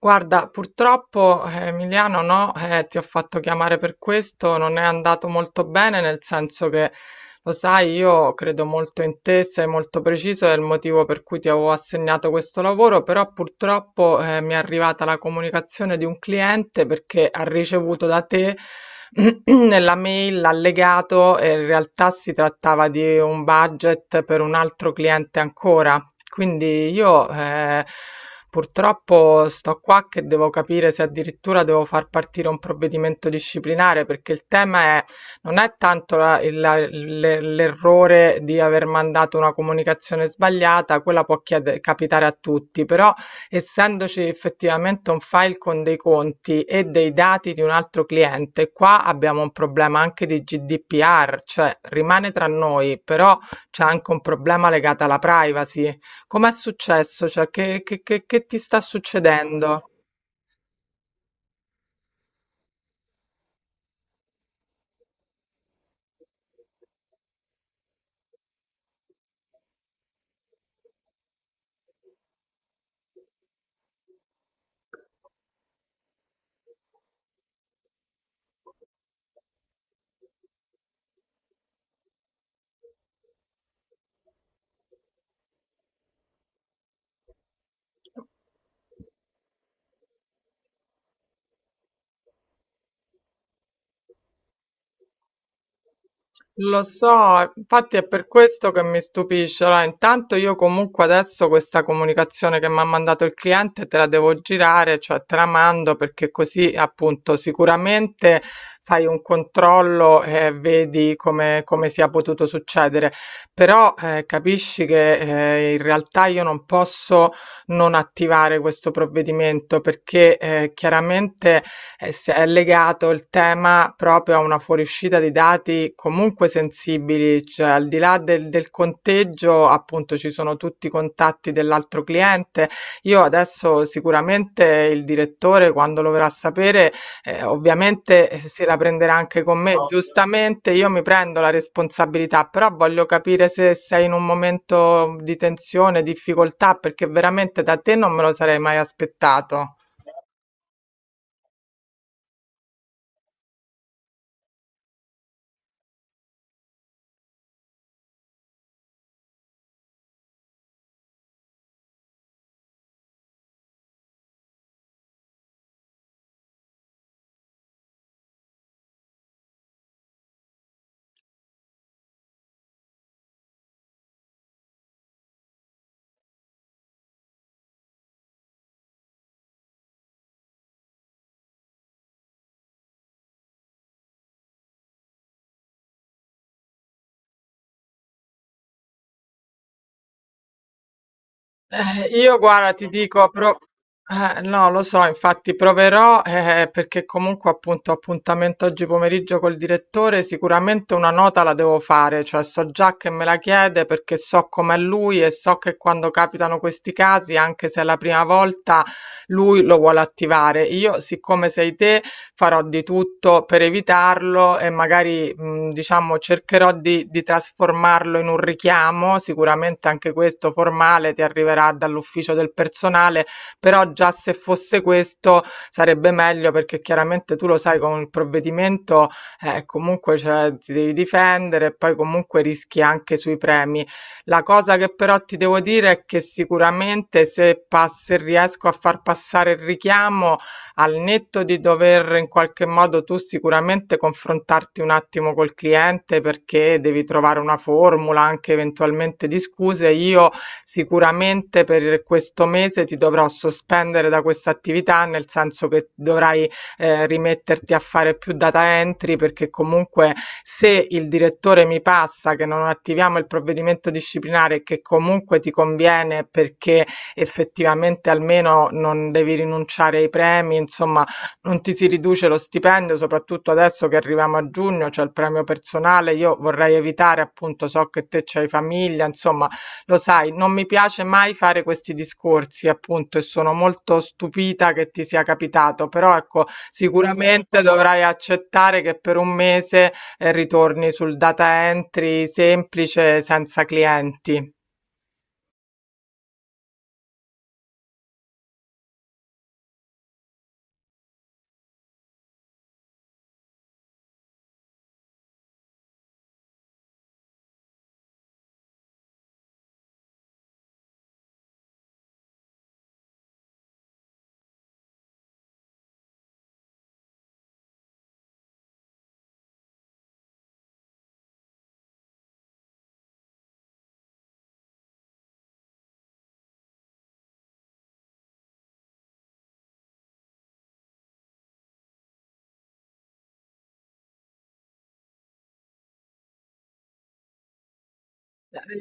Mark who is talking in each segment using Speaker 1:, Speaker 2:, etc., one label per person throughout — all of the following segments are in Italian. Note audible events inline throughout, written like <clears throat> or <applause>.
Speaker 1: Guarda, purtroppo Emiliano no, ti ho fatto chiamare per questo, non è andato molto bene, nel senso che lo sai, io credo molto in te, sei molto preciso, è il motivo per cui ti avevo assegnato questo lavoro, però purtroppo mi è arrivata la comunicazione di un cliente perché ha ricevuto da te <clears throat> nella mail l'allegato e in realtà si trattava di un budget per un altro cliente ancora. Quindi io purtroppo sto qua che devo capire se addirittura devo far partire un provvedimento disciplinare perché il tema non è tanto l'errore di aver mandato una comunicazione sbagliata, quella può capitare a tutti, però essendoci effettivamente un file con dei conti e dei dati di un altro cliente, qua abbiamo un problema anche di GDPR, cioè rimane tra noi, però c'è anche un problema legato alla privacy. Com'è successo? Cioè, che ti sta succedendo? Lo so, infatti è per questo che mi stupisce. Allora, intanto io comunque adesso questa comunicazione che mi ha mandato il cliente te la devo girare, cioè te la mando perché così appunto sicuramente fai un controllo e vedi come, come sia potuto succedere. Però capisci che in realtà io non posso non attivare questo provvedimento perché chiaramente è, è legato il tema proprio a una fuoriuscita di dati comunque sensibili, cioè al di là del, del conteggio, appunto ci sono tutti i contatti dell'altro cliente. Io adesso sicuramente il direttore, quando lo verrà a sapere, ovviamente se la prenderà anche con me, giustamente io mi prendo la responsabilità, però voglio capire se sei in un momento di tensione, difficoltà, perché veramente da te non me lo sarei mai aspettato. Io guarda, ti dico, no, lo so, infatti proverò perché comunque appunto ho appuntamento oggi pomeriggio col direttore, sicuramente una nota la devo fare, cioè so già che me la chiede perché so com'è lui e so che quando capitano questi casi, anche se è la prima volta, lui lo vuole attivare. Io, siccome sei te, farò di tutto per evitarlo e magari, diciamo cercherò di trasformarlo in un richiamo, sicuramente anche questo formale ti arriverà dall'ufficio del personale, però già se fosse questo sarebbe meglio perché chiaramente tu lo sai con il provvedimento, comunque cioè ti devi difendere e poi comunque rischi anche sui premi. La cosa che però ti devo dire è che sicuramente se pass se riesco a far passare il richiamo, al netto di dover in qualche modo tu sicuramente confrontarti un attimo col cliente perché devi trovare una formula anche eventualmente di scuse, io sicuramente per questo mese ti dovrò sospendere da questa attività, nel senso che dovrai rimetterti a fare più data entry perché comunque se il direttore mi passa che non attiviamo il provvedimento disciplinare che comunque ti conviene perché effettivamente almeno non devi rinunciare ai premi, insomma, non ti si riduce lo stipendio, soprattutto adesso che arriviamo a giugno, c'è il premio personale. Io vorrei evitare, appunto, so che te c'hai famiglia, insomma, lo sai, non mi piace mai fare questi discorsi, appunto, e sono molto stupita che ti sia capitato, però ecco, sicuramente dovrai accettare che per un mese ritorni sul data entry semplice senza clienti.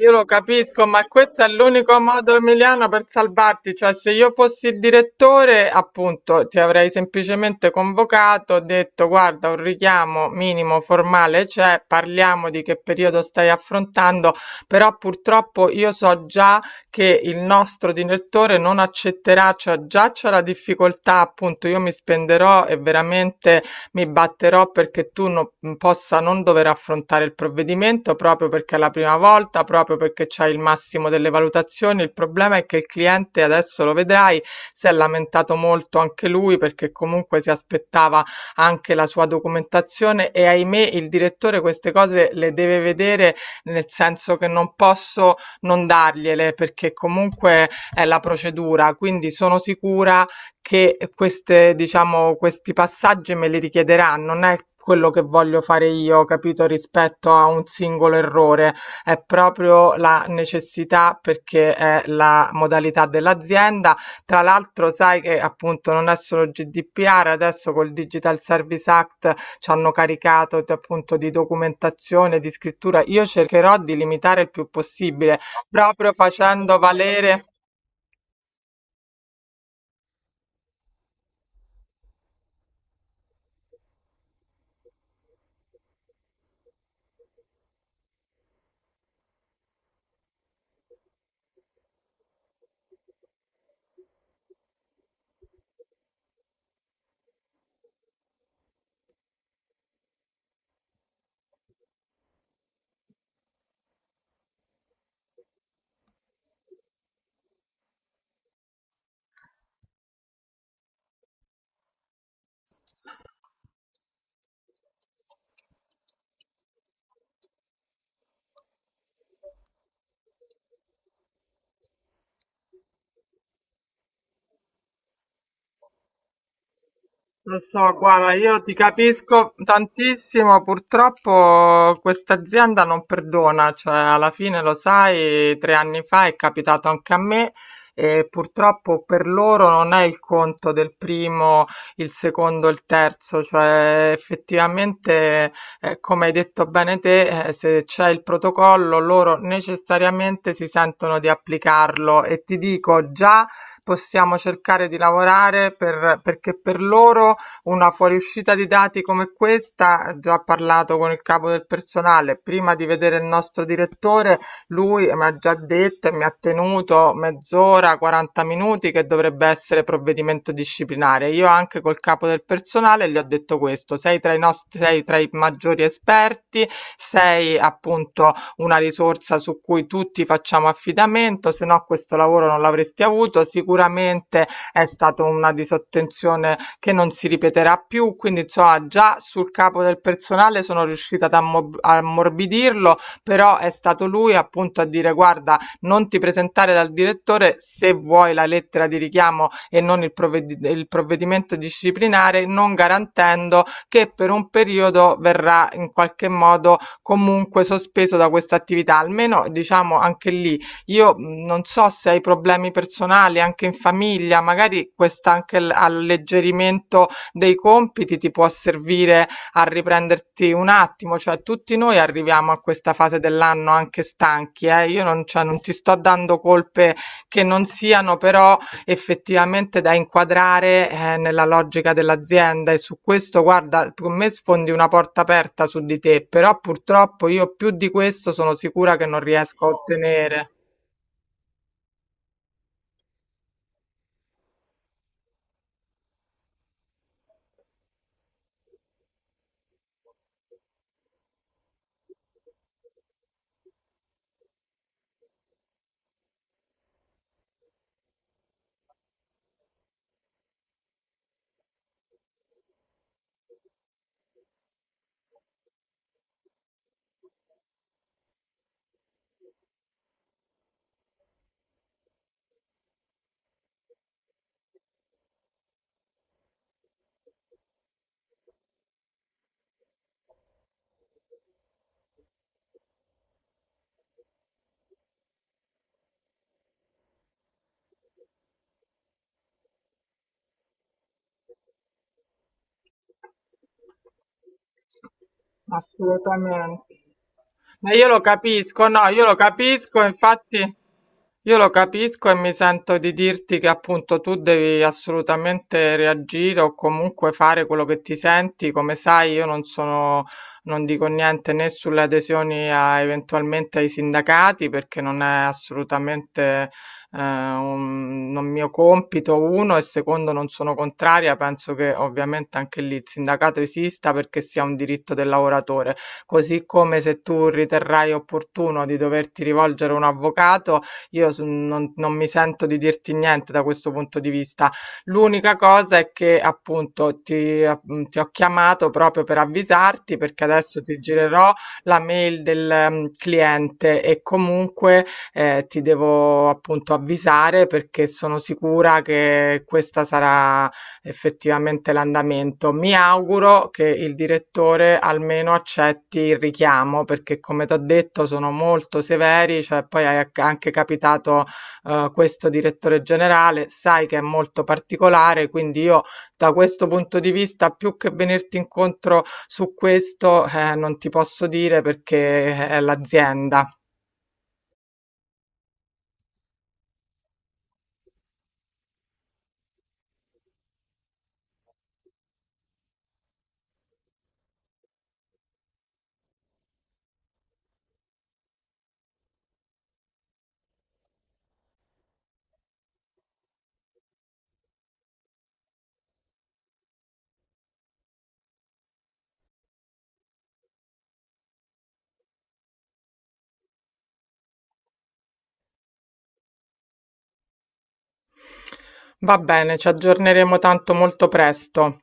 Speaker 1: Io lo capisco, ma questo è l'unico modo, Emiliano, per salvarti. Cioè, se io fossi il direttore, appunto, ti avrei semplicemente convocato, detto, guarda, un richiamo minimo formale c'è, parliamo di che periodo stai affrontando, però purtroppo io so già che il nostro direttore non accetterà, cioè già c'è la difficoltà, appunto, io mi spenderò e veramente mi batterò perché tu no, possa non dover affrontare il provvedimento, proprio perché è la prima volta, proprio perché c'hai il massimo delle valutazioni. Il problema è che il cliente, adesso lo vedrai, si è lamentato molto anche lui perché comunque si aspettava anche la sua documentazione e ahimè il direttore queste cose le deve vedere nel senso che non posso non dargliele perché comunque è la procedura, quindi sono sicura che queste diciamo questi passaggi me li richiederanno, non è quello che voglio fare io, capito, rispetto a un singolo errore, è proprio la necessità perché è la modalità dell'azienda. Tra l'altro sai che appunto non è solo GDPR, adesso col Digital Service Act ci hanno caricato appunto di documentazione, di scrittura. Io cercherò di limitare il più possibile, proprio facendo valere. Lo so, guarda, io ti capisco tantissimo, purtroppo questa azienda non perdona, cioè alla fine lo sai, 3 anni fa è capitato anche a me e purtroppo per loro non è il conto del primo, il secondo, il terzo, cioè effettivamente, come hai detto bene te, se c'è il protocollo loro necessariamente si sentono di applicarlo e ti dico già possiamo cercare di lavorare per, perché per loro una fuoriuscita di dati come questa, già ho parlato con il capo del personale, prima di vedere il nostro direttore, lui mi ha già detto e mi ha tenuto mezz'ora, 40 minuti che dovrebbe essere provvedimento disciplinare. Io anche col capo del personale gli ho detto questo, sei tra i nostri, sei tra i maggiori esperti, sei appunto una risorsa su cui tutti facciamo affidamento, se no questo lavoro non l'avresti avuto. Sicuramente è stata una disattenzione che non si ripeterà più, quindi insomma già sul capo del personale sono riuscita ad ammorbidirlo, però è stato lui appunto a dire guarda, non ti presentare dal direttore se vuoi la lettera di richiamo e non il provvedimento disciplinare, non garantendo che per un periodo verrà in qualche modo comunque sospeso da questa attività, almeno diciamo anche lì. Io non so se hai problemi personali anche in famiglia, magari questa anche alleggerimento dei compiti ti può servire a riprenderti un attimo, cioè tutti noi arriviamo a questa fase dell'anno anche stanchi, eh. Io non, cioè, non ti sto dando colpe che non siano, però effettivamente da inquadrare nella logica dell'azienda e su questo guarda, con me sfondi una porta aperta su di te, però purtroppo io più di questo sono sicura che non riesco a ottenere. Assolutamente. Ma io lo capisco, no, io lo capisco, infatti io lo capisco e mi sento di dirti che appunto tu devi assolutamente reagire o comunque fare quello che ti senti. Come sai, io non sono, non dico niente né sulle adesioni a, eventualmente ai sindacati perché non è assolutamente un non mio compito, uno, e secondo non sono contraria, penso che ovviamente anche lì il sindacato esista perché sia un diritto del lavoratore, così come se tu riterrai opportuno di doverti rivolgere a un avvocato, io non, non mi sento di dirti niente da questo punto di vista. L'unica cosa è che appunto ti ho chiamato proprio per avvisarti perché adesso ti girerò la mail del cliente e comunque ti devo appunto avvisare perché sono sicura che questa sarà effettivamente l'andamento. Mi auguro che il direttore almeno accetti il richiamo perché come ti ho detto sono molto severi, cioè poi è anche capitato questo direttore generale, sai che è molto particolare, quindi io da questo punto di vista più che venirti incontro su questo non ti posso dire perché è l'azienda. Va bene, ci aggiorneremo tanto molto presto.